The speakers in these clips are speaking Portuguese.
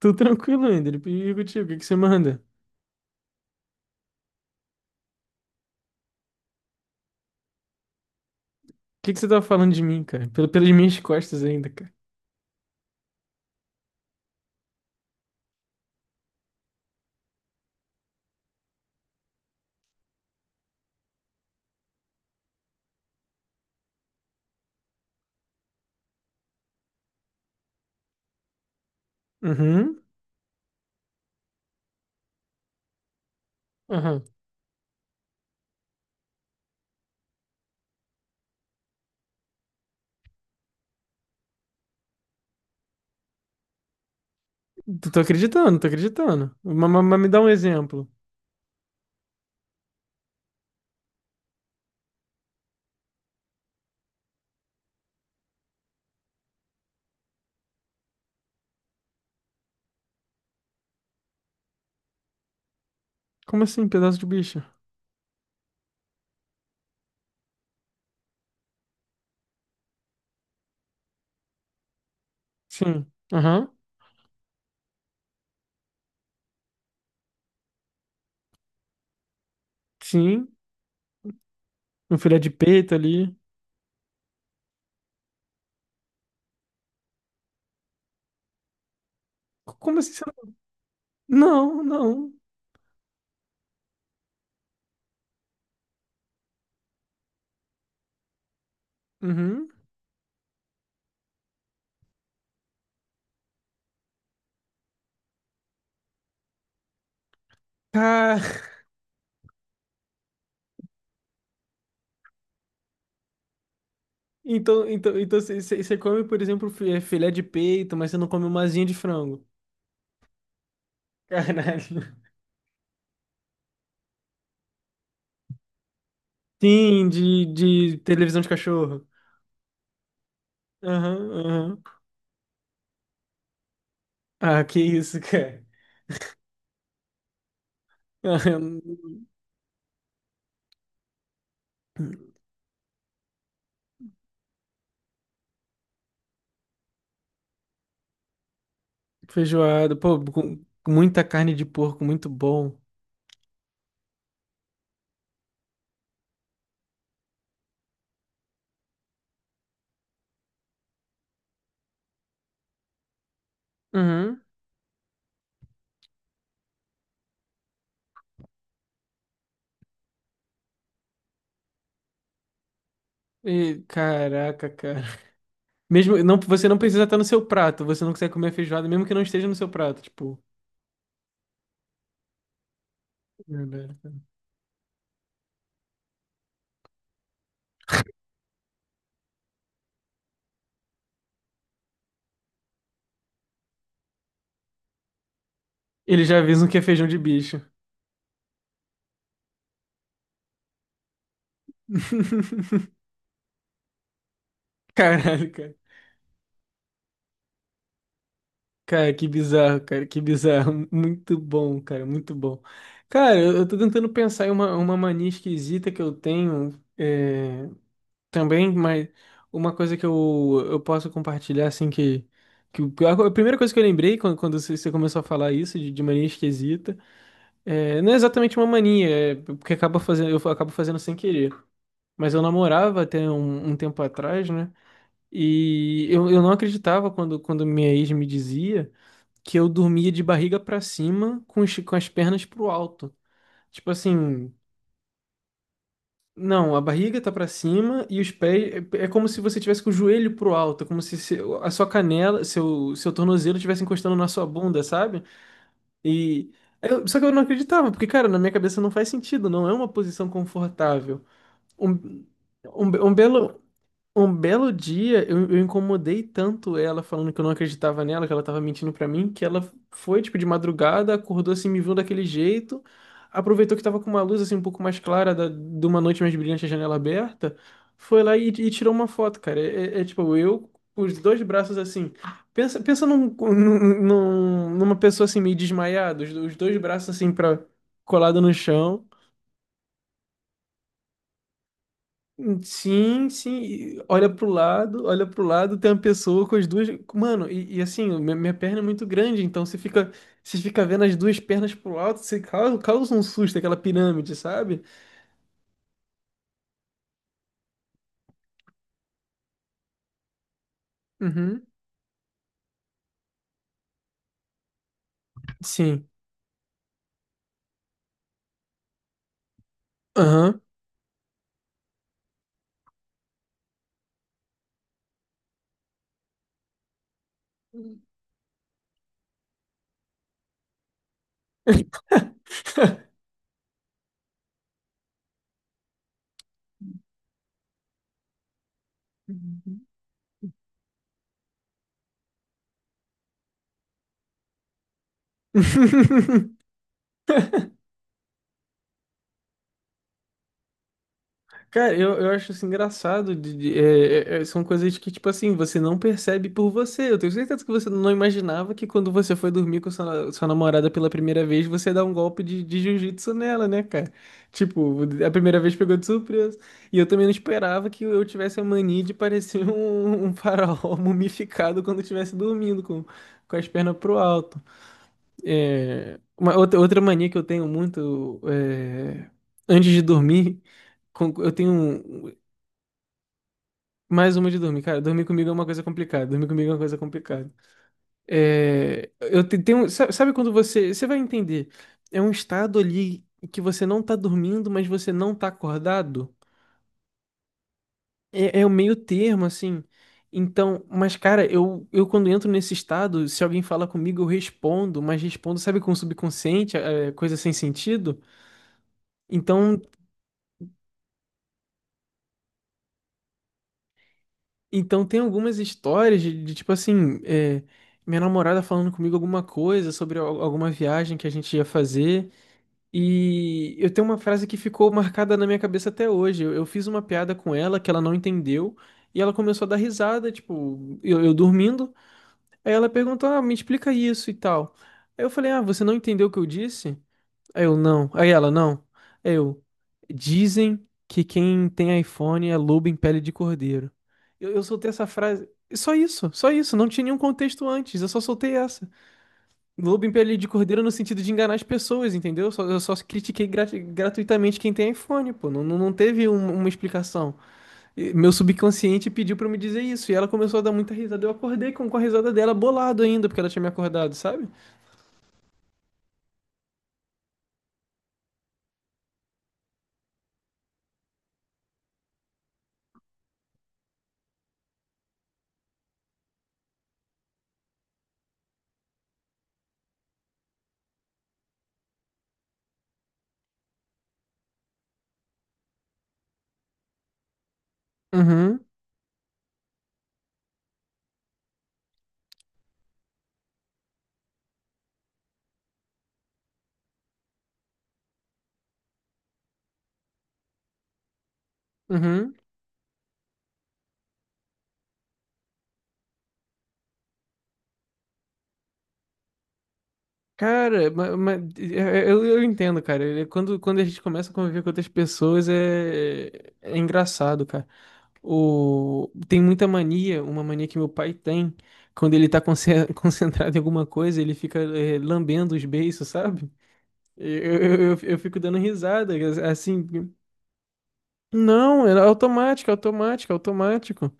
Tudo tranquilo ainda. Ele pediu contigo. O que que você manda? O que que você tá falando de mim, cara? Pelas minhas costas ainda, cara. Uhum. Aham. Tô acreditando, tô acreditando. Mas me dá um exemplo. Como assim, pedaço de bicho? Sim. Aham. Sim. Um filé de peito ali. Como assim você não. Não, não. Uhum. Ah, então, então, então você come, por exemplo, filé de peito, mas você não come uma asinha de frango. Caralho. Sim, de televisão de cachorro. Aham, aham. Ah, que isso, cara. Feijoada, pô, com muita carne de porco, muito bom. Uhum. E caraca, cara. Mesmo, não, você não precisa estar no seu prato, você não consegue comer feijoada, mesmo que não esteja no seu prato, tipo. Verdade. Eles já avisam que é feijão de bicho. Caralho, cara. Cara, que bizarro, cara, que bizarro. Muito bom. Cara, eu tô tentando pensar em uma mania esquisita que eu tenho. É, também, mas uma coisa que eu posso compartilhar, assim, que a primeira coisa que eu lembrei quando, quando você começou a falar isso, de mania esquisita, é, não é exatamente uma mania, é porque acaba fazendo, eu acabo fazendo sem querer. Mas eu namorava até um tempo atrás, né? E eu não acreditava quando, quando minha ex me dizia que eu dormia de barriga pra cima com, com as pernas pro alto. Tipo assim. Não, a barriga tá pra cima e os pés é, é como se você tivesse com o joelho pro alto, como se a sua canela, seu tornozelo estivesse encostando na sua bunda, sabe? E só que eu não acreditava, porque cara, na minha cabeça não faz sentido, não é uma posição confortável. Um, um, be- um belo dia eu incomodei tanto ela falando que eu não acreditava nela, que ela tava mentindo pra mim, que ela foi tipo de madrugada, acordou assim, me viu daquele jeito, aproveitou que tava com uma luz assim um pouco mais clara de uma noite mais brilhante, a janela aberta, foi lá e tirou uma foto, cara. É, tipo eu com os dois braços assim. Pensa, pensa numa pessoa assim meio desmaiada, os dois braços assim para colado no chão. Sim, sim. Olha pro lado, tem uma pessoa com as duas. Mano, e assim, minha perna é muito grande, então você fica vendo as duas pernas pro alto, você causa um susto, aquela pirâmide, sabe? Uhum. Sim. Aham. Cara, eu acho isso engraçado. São coisas que, tipo assim, você não percebe por você. Eu tenho certeza que você não imaginava que quando você foi dormir com sua, sua namorada pela primeira vez, você ia dar um golpe de jiu-jitsu nela, né, cara? Tipo, a primeira vez pegou de surpresa. E eu também não esperava que eu tivesse a mania de parecer um faraó mumificado quando estivesse dormindo com as pernas pro alto. É, uma outra, outra mania que eu tenho muito é, antes de dormir, com- eu tenho um- mais uma de dormir, cara. Dormir comigo é uma coisa complicada. Dormir comigo é uma coisa complicada. É, tenho, sabe quando você, você vai entender? É um estado ali que você não tá dormindo, mas você não tá acordado. É, é o meio termo, assim. Então, mas cara, eu quando entro nesse estado, se alguém fala comigo, eu respondo, mas respondo, sabe, com o subconsciente, é, coisa sem sentido. Então. Então tem algumas histórias de, tipo assim, é, minha namorada falando comigo alguma coisa sobre alguma viagem que a gente ia fazer. E eu tenho uma frase que ficou marcada na minha cabeça até hoje. Eu fiz uma piada com ela que ela não entendeu. E ela começou a dar risada, tipo, eu dormindo. Aí ela perguntou, ah, me explica isso e tal. Aí eu falei, ah, você não entendeu o que eu disse? Aí eu não. Aí ela, não. Aí eu. Dizem que quem tem iPhone é lobo em pele de cordeiro. Eu soltei essa frase. Só isso, só isso. Não tinha nenhum contexto antes. Eu só soltei essa. Lobo em pele de cordeiro no sentido de enganar as pessoas, entendeu? Eu só critiquei gratuitamente quem tem iPhone, pô. Não teve uma explicação. E meu subconsciente pediu pra eu me dizer isso. E ela começou a dar muita risada. Eu acordei com a risada dela bolado ainda, porque ela tinha me acordado, sabe? Uhum, uhum. Cara, eu entendo, cara. Quando, quando a gente começa a conviver com outras pessoas, é, é engraçado, cara. O, tem muita mania, uma mania que meu pai tem. Quando ele tá conce- concentrado em alguma coisa, ele fica lambendo os beiços, sabe? Eu, eu fico dando risada, assim. Não, é automático, automático, automático.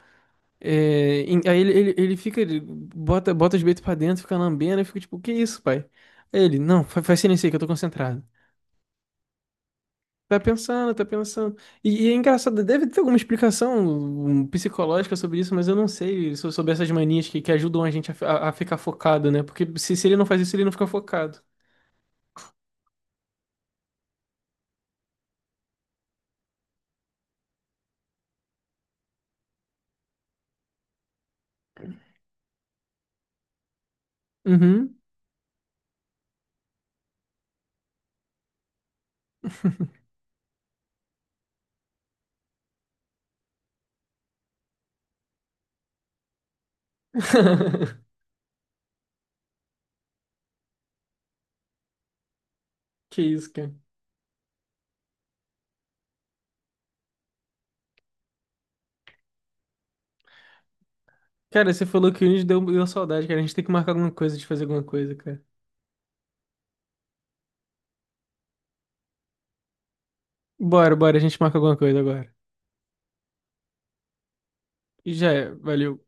É, aí ele fica, ele bota, bota os beitos pra dentro, fica lambendo, eu fico tipo, que isso, pai? Aí ele, não, faz silêncio aí que eu tô concentrado. Tá pensando, tá pensando. E é engraçado, deve ter alguma explicação um, psicológica sobre isso, mas eu não sei sobre essas manias que ajudam a gente a, a ficar focado, né? Porque se ele não faz isso, ele não fica focado. Uhum. Que isso, cara. Cara, você falou que hoje deu, deu saudade, cara. A gente tem que marcar alguma coisa, de fazer alguma coisa, cara. Bora, bora, a gente marca alguma coisa agora. E já é, valeu.